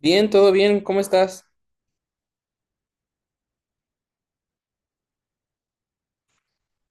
Bien, todo bien, ¿cómo estás?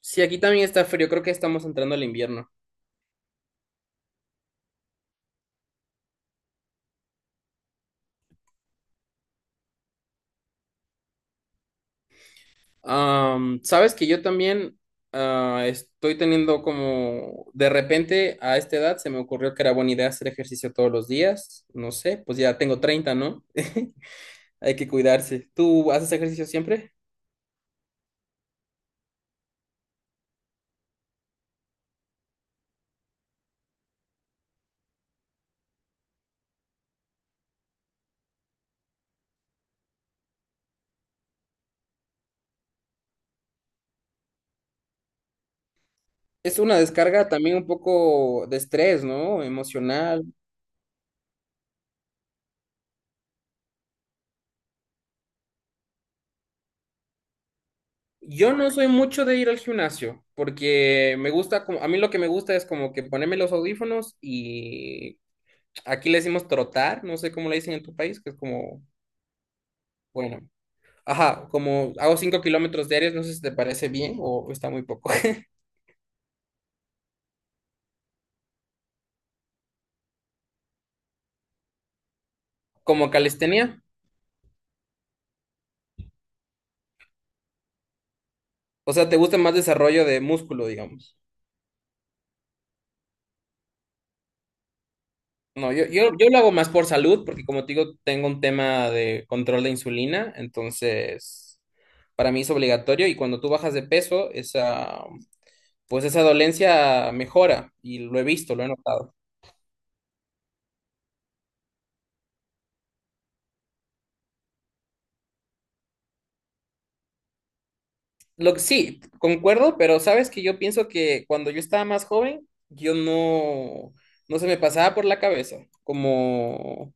Sí, aquí también está frío, creo que estamos entrando al invierno. Sabes que yo también estoy teniendo como, de repente a esta edad se me ocurrió que era buena idea hacer ejercicio todos los días, no sé, pues ya tengo 30, ¿no? Hay que cuidarse. ¿Tú haces ejercicio siempre? Es una descarga también un poco de estrés, ¿no? Emocional. Yo no soy mucho de ir al gimnasio, porque me gusta, a mí lo que me gusta es como que ponerme los audífonos y aquí le decimos trotar, no sé cómo le dicen en tu país, que es como, bueno, ajá, como hago 5 kilómetros diarios, no sé si te parece bien o está muy poco. Como calistenia. O sea, te gusta más desarrollo de músculo, digamos. No, yo lo hago más por salud, porque como te digo, tengo un tema de control de insulina, entonces para mí es obligatorio y cuando tú bajas de peso, esa, pues esa dolencia mejora y lo he visto, lo he notado. Lo que sí, concuerdo, pero sabes que yo pienso que cuando yo estaba más joven, yo no, no se me pasaba por la cabeza, como,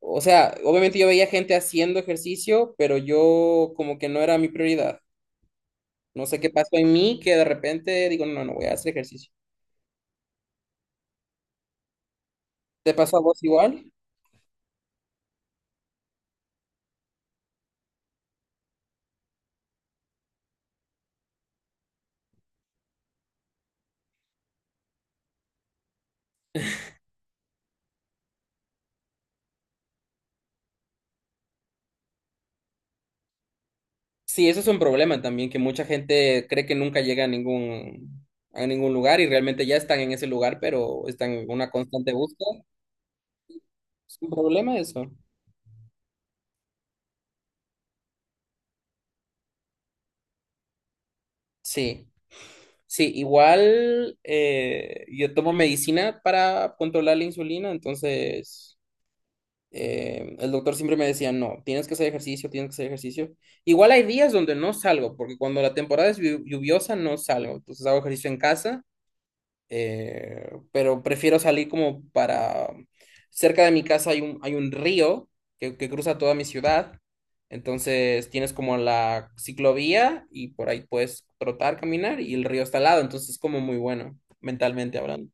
o sea, obviamente yo veía gente haciendo ejercicio, pero yo como que no era mi prioridad. No sé qué pasó en mí que de repente digo, no, no voy a hacer ejercicio. ¿Te pasó a vos igual? Sí, eso es un problema también, que mucha gente cree que nunca llega a ningún lugar y realmente ya están en ese lugar, pero están en una constante búsqueda. Es un problema eso. Sí, sí, igual yo tomo medicina para controlar la insulina, entonces... el doctor siempre me decía, no, tienes que hacer ejercicio, tienes que hacer ejercicio. Igual hay días donde no salgo, porque cuando la temporada es lluviosa no salgo, entonces hago ejercicio en casa, pero prefiero salir como para... Cerca de mi casa hay un río que cruza toda mi ciudad, entonces tienes como la ciclovía y por ahí puedes trotar, caminar y el río está al lado, entonces es como muy bueno, mentalmente hablando.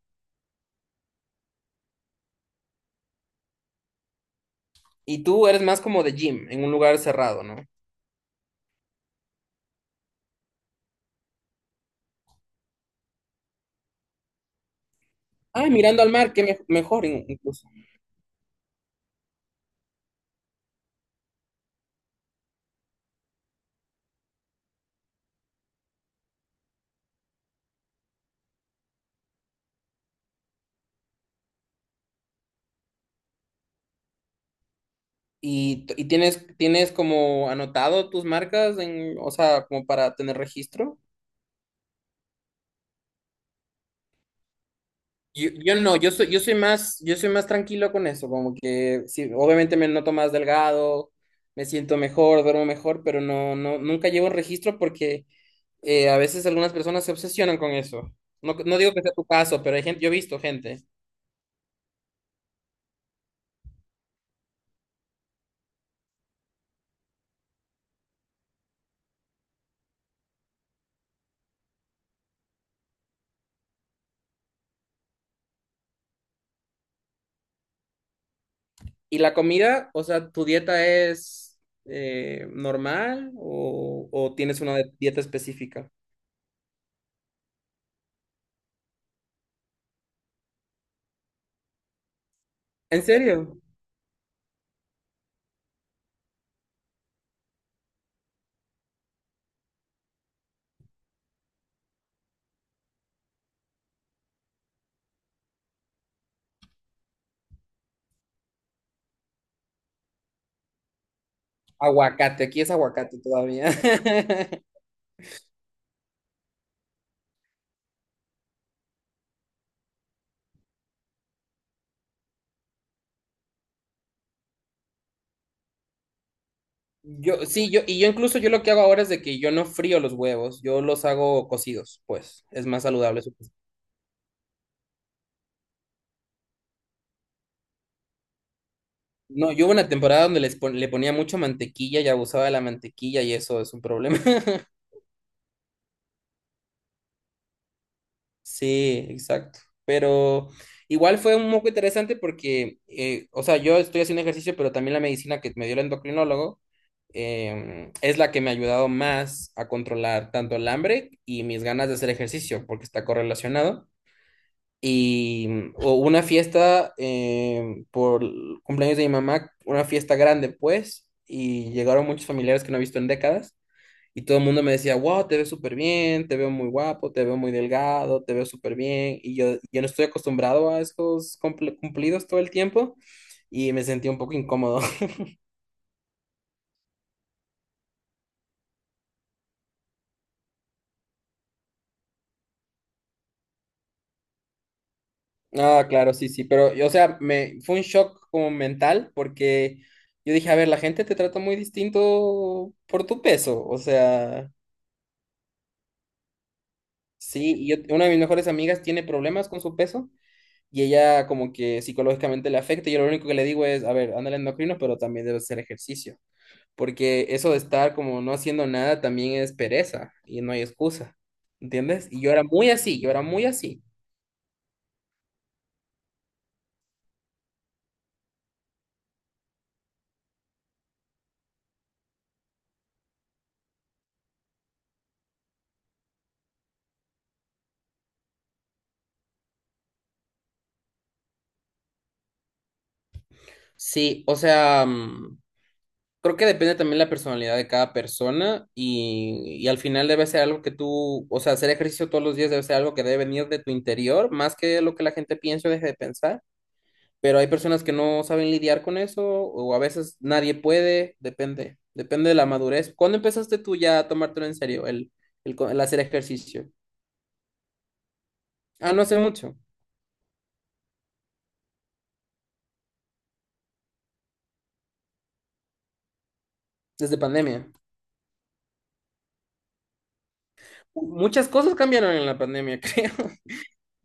¿Y tú eres más como de gym, en un lugar cerrado, ¿no? Ah, mirando al mar, que mejor incluso. ¿Y tienes, tienes como anotado tus marcas en, o sea, como para tener registro? Yo no, yo soy más, Yo soy más tranquilo con eso, como que sí, obviamente me noto más delgado, me siento mejor, duermo mejor, pero no, no, nunca llevo un registro porque a veces algunas personas se obsesionan con eso. No, no digo que sea tu caso, pero hay gente, yo he visto gente. ¿Y la comida? O sea, ¿tu dieta es normal o tienes una dieta específica? ¿En serio? Aguacate, aquí es aguacate todavía. Yo, sí, yo, y yo incluso yo lo que hago ahora es de que yo no frío los huevos, yo los hago cocidos, pues, es más saludable, supongo. No, yo hubo una temporada donde le ponía mucho mantequilla y abusaba de la mantequilla y eso es un problema. Sí, exacto. Pero igual fue un poco interesante porque, o sea, yo estoy haciendo ejercicio, pero también la medicina que me dio el endocrinólogo es la que me ha ayudado más a controlar tanto el hambre y mis ganas de hacer ejercicio, porque está correlacionado. Y hubo una fiesta por el cumpleaños de mi mamá, una fiesta grande, pues, y llegaron muchos familiares que no he visto en décadas. Y todo el mundo me decía, wow, te ves súper bien, te veo muy guapo, te veo muy delgado, te veo súper bien. Y yo no estoy acostumbrado a esos cumplidos todo el tiempo y me sentí un poco incómodo. Ah, claro, sí, sí, pero, y, o sea, me, fue un shock como mental porque yo dije, a ver, la gente te trata muy distinto por tu peso, o sea, sí, y yo- una de mis mejores amigas tiene problemas con su peso y ella como que psicológicamente le afecta y yo lo único que le digo es, a ver, anda al endocrino, pero también debes hacer ejercicio. Porque eso de estar como no haciendo nada también es pereza y no hay excusa, ¿entiendes? Y yo era muy así, yo era muy así. Sí, o sea, creo que depende también la personalidad de cada persona y al final debe ser algo que tú, o sea, hacer ejercicio todos los días debe ser algo que debe venir de tu interior, más que lo que la gente piensa o deje de pensar. Pero hay personas que no saben lidiar con eso o a veces nadie puede, depende, depende de la madurez. ¿Cuándo empezaste tú ya a tomártelo en serio, el hacer ejercicio? Ah, no hace mucho, desde pandemia. Muchas cosas cambiaron en la pandemia, creo.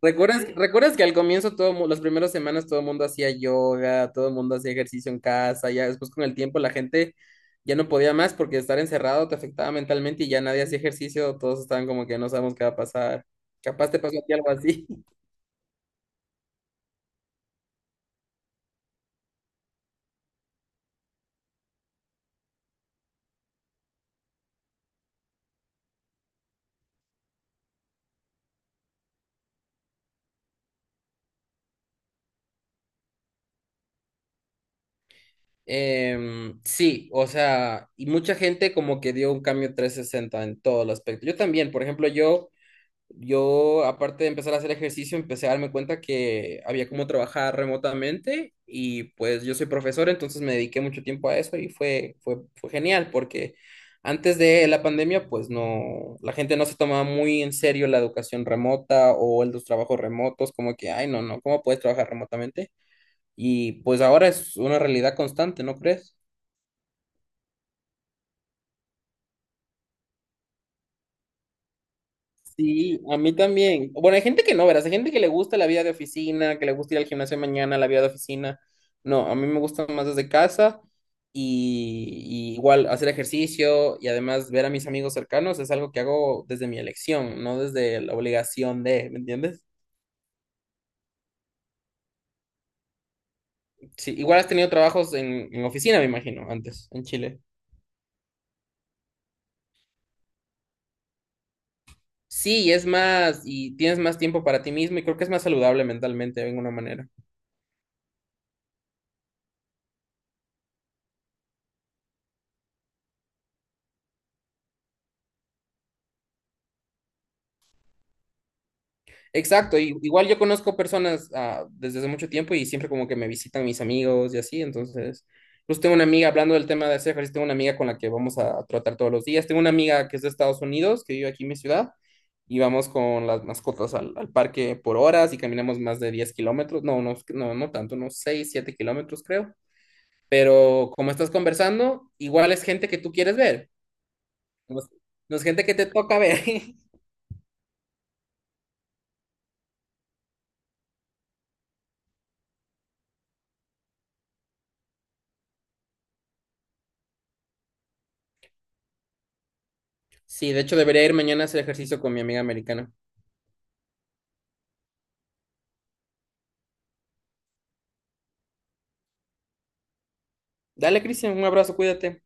¿Recuerdas, recuerdas que al comienzo, todo, las primeras semanas, todo el mundo hacía yoga, todo el mundo hacía ejercicio en casa, ya después con el tiempo la gente ya no podía más porque estar encerrado te afectaba mentalmente y ya nadie hacía ejercicio, todos estaban como que no sabemos qué va a pasar. Capaz te pasó a ti algo así. Sí, o sea, y mucha gente como que dio un cambio 360 en todo el aspecto. Yo también, por ejemplo, aparte de empezar a hacer ejercicio, empecé a darme cuenta que había cómo trabajar remotamente y pues yo soy profesor, entonces me dediqué mucho tiempo a eso y fue genial porque antes de la pandemia, pues no, la gente no se tomaba muy en serio la educación remota o los trabajos remotos, como que, ay, no, no, ¿cómo puedes trabajar remotamente? Y pues ahora es una realidad constante, ¿no crees? Sí, a mí también. Bueno, hay gente que no, verás, hay gente que le gusta la vida de oficina, que le gusta ir al gimnasio mañana, la vida de oficina. No, a mí me gusta más desde casa y, y igual hacer ejercicio y además ver a mis amigos cercanos es algo que hago desde mi elección, no desde la obligación de, ¿me entiendes? Sí, igual has tenido trabajos en oficina, me imagino, antes, en Chile. Sí, es más, y tienes más tiempo para ti mismo y creo que es más saludable mentalmente de alguna manera. Exacto, igual yo conozco personas desde hace mucho tiempo y siempre como que me visitan mis amigos y así, entonces, pues tengo una amiga, hablando del tema de hacer ejercicio, tengo una amiga con la que vamos a tratar todos los días, tengo una amiga que es de Estados Unidos, que vive aquí en mi ciudad, y vamos con las mascotas al parque por horas y caminamos más de 10 kilómetros, no, no, no, no tanto, unos 6 7 kilómetros creo, pero como estás conversando, igual es gente que tú quieres ver, no es no es gente que te toca ver. Sí, de hecho debería ir mañana a hacer ejercicio con mi amiga americana. Dale, Cristian, un abrazo, cuídate.